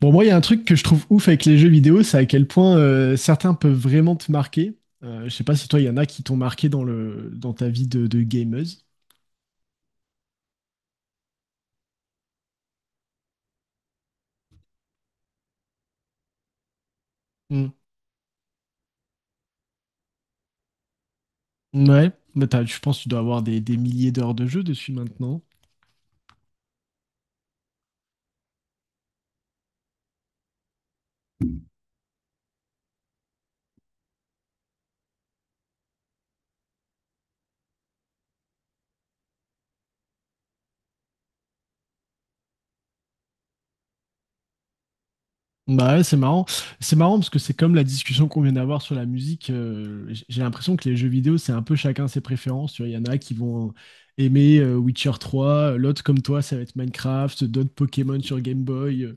Bon, moi, il y a un truc que je trouve ouf avec les jeux vidéo, c'est à quel point certains peuvent vraiment te marquer. Je sais pas si toi, il y en a qui t'ont marqué dans ta vie de gameuse. Mm. Ouais, mais je pense que tu dois avoir des milliers d'heures de jeu dessus maintenant. Bah ouais, c'est marrant. C'est marrant parce que c'est comme la discussion qu'on vient d'avoir sur la musique. J'ai l'impression que les jeux vidéo, c'est un peu chacun ses préférences. Tu vois, il y en a qui vont aimer Witcher 3, l'autre comme toi, ça va être Minecraft, d'autres Pokémon sur Game Boy.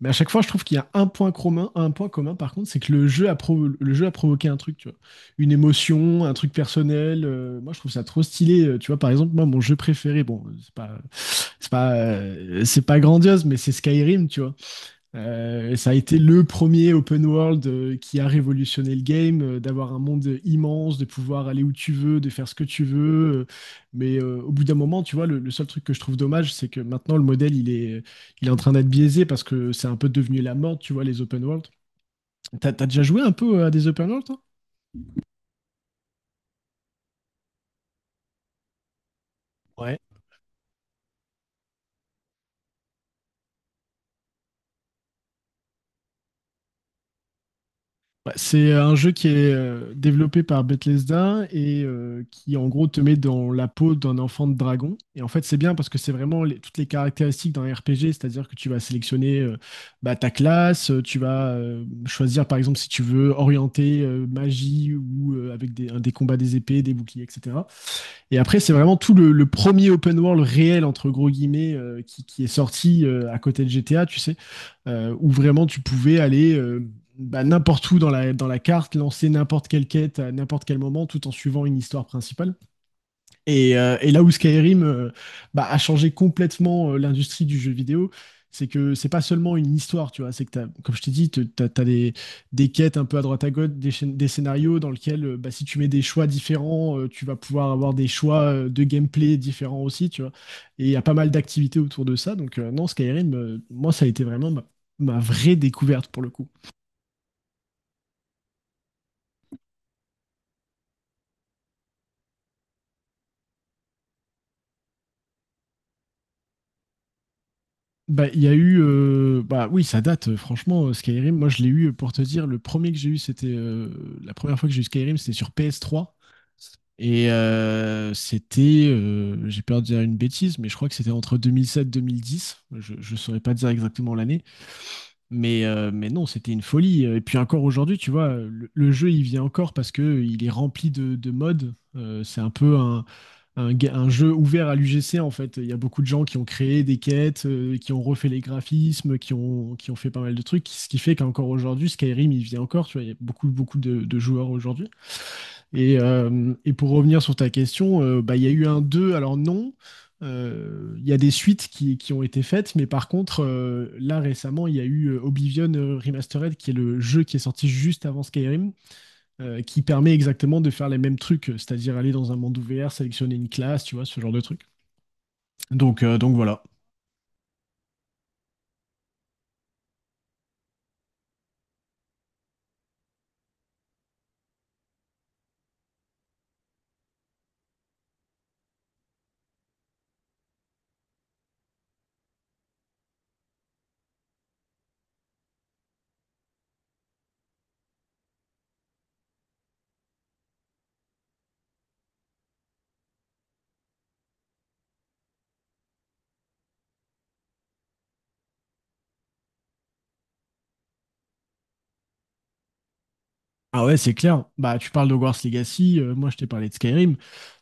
Mais à chaque fois, je trouve qu'il y a un point commun, par contre, c'est que le jeu a provoqué un truc, tu vois. Une émotion, un truc personnel. Moi, je trouve ça trop stylé. Tu vois, par exemple, moi, mon jeu préféré, bon, c'est pas grandiose, mais c'est Skyrim, tu vois. Ça a été le premier open world qui a révolutionné le game, d'avoir un monde immense, de pouvoir aller où tu veux, de faire ce que tu veux. Mais au bout d'un moment, tu vois, le seul truc que je trouve dommage, c'est que maintenant le modèle, il est en train d'être biaisé parce que c'est un peu devenu la mode, tu vois, les open world. T'as déjà joué un peu à des open world, toi? Ouais, c'est un jeu qui est développé par Bethesda et qui en gros te met dans la peau d'un enfant de dragon. Et en fait, c'est bien parce que c'est vraiment toutes les caractéristiques d'un RPG, c'est-à-dire que tu vas sélectionner bah, ta classe, tu vas choisir par exemple si tu veux orienter magie ou avec des combats des épées, des boucliers, etc. Et après, c'est vraiment tout le premier open world réel entre gros guillemets qui est sorti à côté de GTA, tu sais où vraiment tu pouvais aller bah, n'importe où dans la carte, lancer n'importe quelle quête à n'importe quel moment tout en suivant une histoire principale. Et là où Skyrim bah, a changé complètement l'industrie du jeu vidéo, c'est que c'est pas seulement une histoire, tu vois. C'est que comme je t'ai dit, te- t'as as, des quêtes un peu à droite à gauche, des scénarios dans lesquels bah, si tu mets des choix différents, tu vas pouvoir avoir des choix de gameplay différents aussi, tu vois. Et il y a pas mal d'activités autour de ça. Donc non, Skyrim, moi, ça a été vraiment ma vraie découverte pour le coup. Bah, il y a eu. Bah oui, ça date, franchement, Skyrim. Moi, je l'ai eu, pour te dire, le premier que j'ai eu, c'était. La première fois que j'ai eu Skyrim, c'était sur PS3. Et c'était. J'ai peur de dire une bêtise, mais je crois que c'était entre 2007-2010. Je ne saurais pas dire exactement l'année. Mais non, c'était une folie. Et puis encore aujourd'hui, tu vois, le jeu, il vient encore parce que il est rempli de mods. C'est un peu un jeu ouvert à l'UGC en fait. Il y a beaucoup de gens qui ont créé des quêtes, qui ont refait les graphismes, qui ont fait pas mal de trucs, ce qui fait qu'encore aujourd'hui, Skyrim, il vit encore, tu vois, il y a beaucoup, beaucoup de joueurs aujourd'hui. Et pour revenir sur ta question, bah, il y a eu un 2 alors non. Il y a des suites qui ont été faites, mais par contre, là récemment, il y a eu Oblivion Remastered, qui est le jeu qui est sorti juste avant Skyrim, qui permet exactement de faire les mêmes trucs, c'est-à-dire aller dans un monde ouvert, sélectionner une classe, tu vois, ce genre de truc. Donc voilà. Ah ouais, c'est clair. Bah, tu parles de Hogwarts Legacy, moi je t'ai parlé de Skyrim.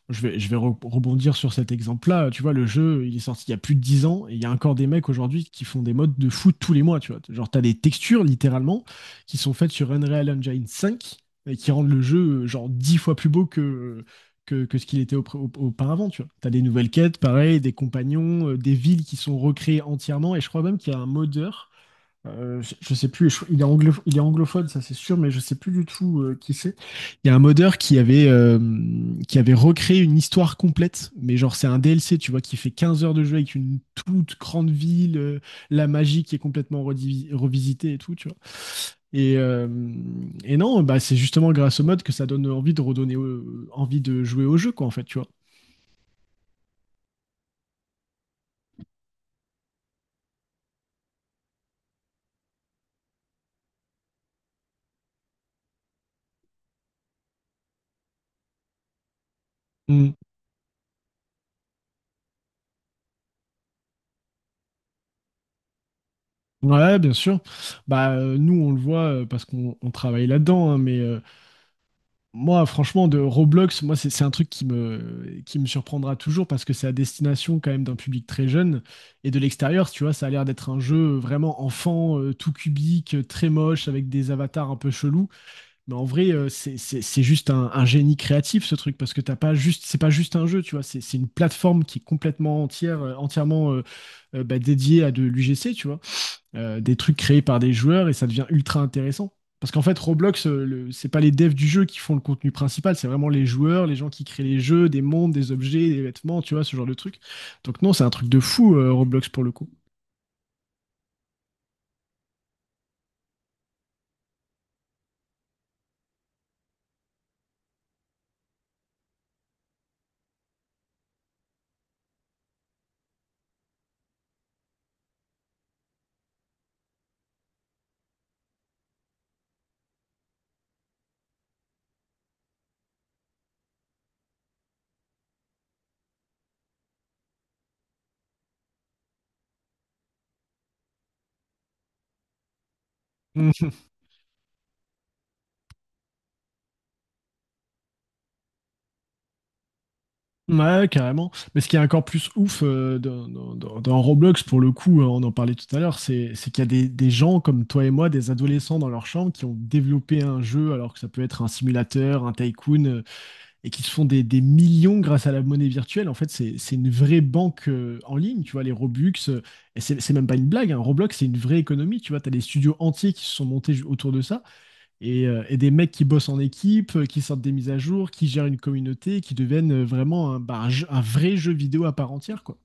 Je vais rebondir sur cet exemple-là. Tu vois, le jeu, il est sorti il y a plus de 10 ans et il y a encore des mecs aujourd'hui qui font des modes de foot tous les mois. Tu vois, genre, t'as des textures littéralement qui sont faites sur Unreal Engine 5 et qui rendent le jeu genre 10 fois plus beau que, que ce qu'il était auparavant. Tu vois, t'as des nouvelles quêtes, pareil, des compagnons, des villes qui sont recréées entièrement et je crois même qu'il y a un modeur je sais plus, il est anglophone, ça c'est sûr, mais je sais plus du tout qui c'est. Il y a un modeur qui avait recréé une histoire complète, mais genre c'est un DLC, tu vois, qui fait 15 heures de jeu avec une toute grande ville, la magie qui est complètement revisitée et tout, tu vois. Et, euh, et non, bah c'est justement grâce au mode que ça donne envie de envie de jouer au jeu, quoi, en fait, tu vois. Mm. Ouais, bien sûr. Bah, nous, on le voit parce qu'on travaille là-dedans. Hein, mais moi, franchement, de Roblox, moi, c'est un truc qui me surprendra toujours parce que c'est à destination quand même d'un public très jeune. Et de l'extérieur, tu vois, ça a l'air d'être un jeu vraiment enfant, tout cubique, très moche, avec des avatars un peu chelous. Mais en vrai, c'est juste un génie créatif ce truc parce que t'as pas juste, c'est pas juste un jeu, tu vois, c'est une plateforme qui est complètement entière, entièrement bah, dédiée à de l'UGC, tu vois. Des trucs créés par des joueurs et ça devient ultra intéressant. Parce qu'en fait, Roblox, c'est pas les devs du jeu qui font le contenu principal, c'est vraiment les joueurs, les gens qui créent les jeux, des mondes, des objets, des vêtements, tu vois, ce genre de truc. Donc non, c'est un truc de fou, Roblox pour le coup. Ouais, carrément. Mais ce qui est encore plus ouf dans Roblox, pour le coup, on en parlait tout à l'heure, c'est qu'il y a des gens comme toi et moi, des adolescents dans leur chambre, qui ont développé un jeu, alors que ça peut être un simulateur, un tycoon, et qui se font des millions grâce à la monnaie virtuelle. En fait, c'est une vraie banque en ligne, tu vois, les Robux. Et c'est même pas une blague, hein. Roblox, c'est une vraie économie, tu vois. T'as des studios entiers qui se sont montés autour de ça et des mecs qui bossent en équipe, qui sortent des mises à jour, qui gèrent une communauté, qui deviennent vraiment bah, un vrai jeu vidéo à part entière, quoi.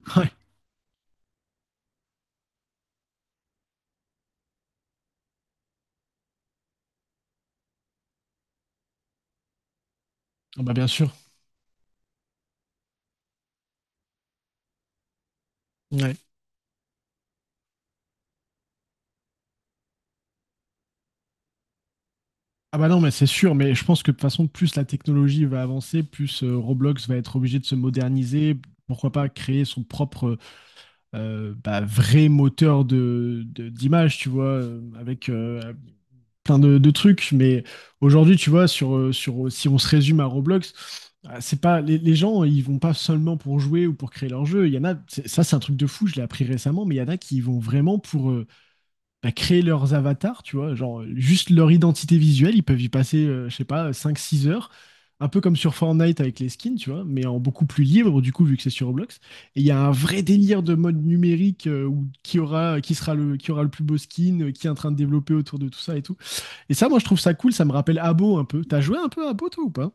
Ouais. Ah bah bien sûr. Ouais. Ah bah non, mais c'est sûr, mais je pense que de toute façon, plus la technologie va avancer, plus Roblox va être obligé de se moderniser. Pourquoi pas créer son propre bah, vrai moteur de, d'image, tu vois, avec plein de trucs, mais aujourd'hui, tu vois, si on se résume à Roblox, ah, c'est pas les gens, ils vont pas seulement pour jouer ou pour créer leur jeu. Il y en a, ça c'est un truc de fou, je l'ai appris récemment, mais il y en a qui y vont vraiment pour bah, créer leurs avatars, tu vois, genre juste leur identité visuelle, ils peuvent y passer, je sais pas, cinq six heures, un peu comme sur Fortnite avec les skins, tu vois, mais en beaucoup plus libre du coup, vu que c'est sur Roblox. Et il y a un vrai délire de mode numérique où qui aura, qui sera le, qui aura le plus beau skin, qui est en train de développer autour de tout ça et tout. Et ça, moi, je trouve ça cool, ça me rappelle Abo un peu. T'as joué un peu à Abo, toi, ou pas?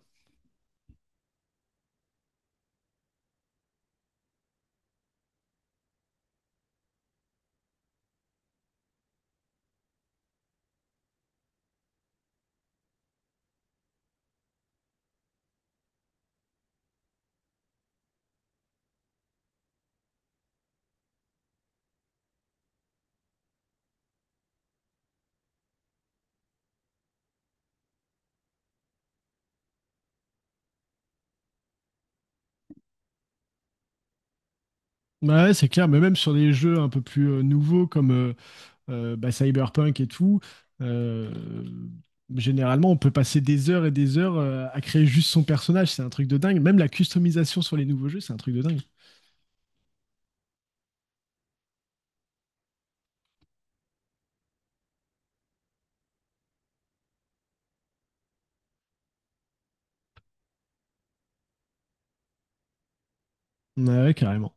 Ouais, c'est clair, mais même sur des jeux un peu plus nouveaux comme bah, Cyberpunk et tout, euh, généralement on peut passer des heures et des heures à créer juste son personnage, c'est un truc de dingue. Même la customisation sur les nouveaux jeux, c'est un truc de dingue. Ouais, carrément.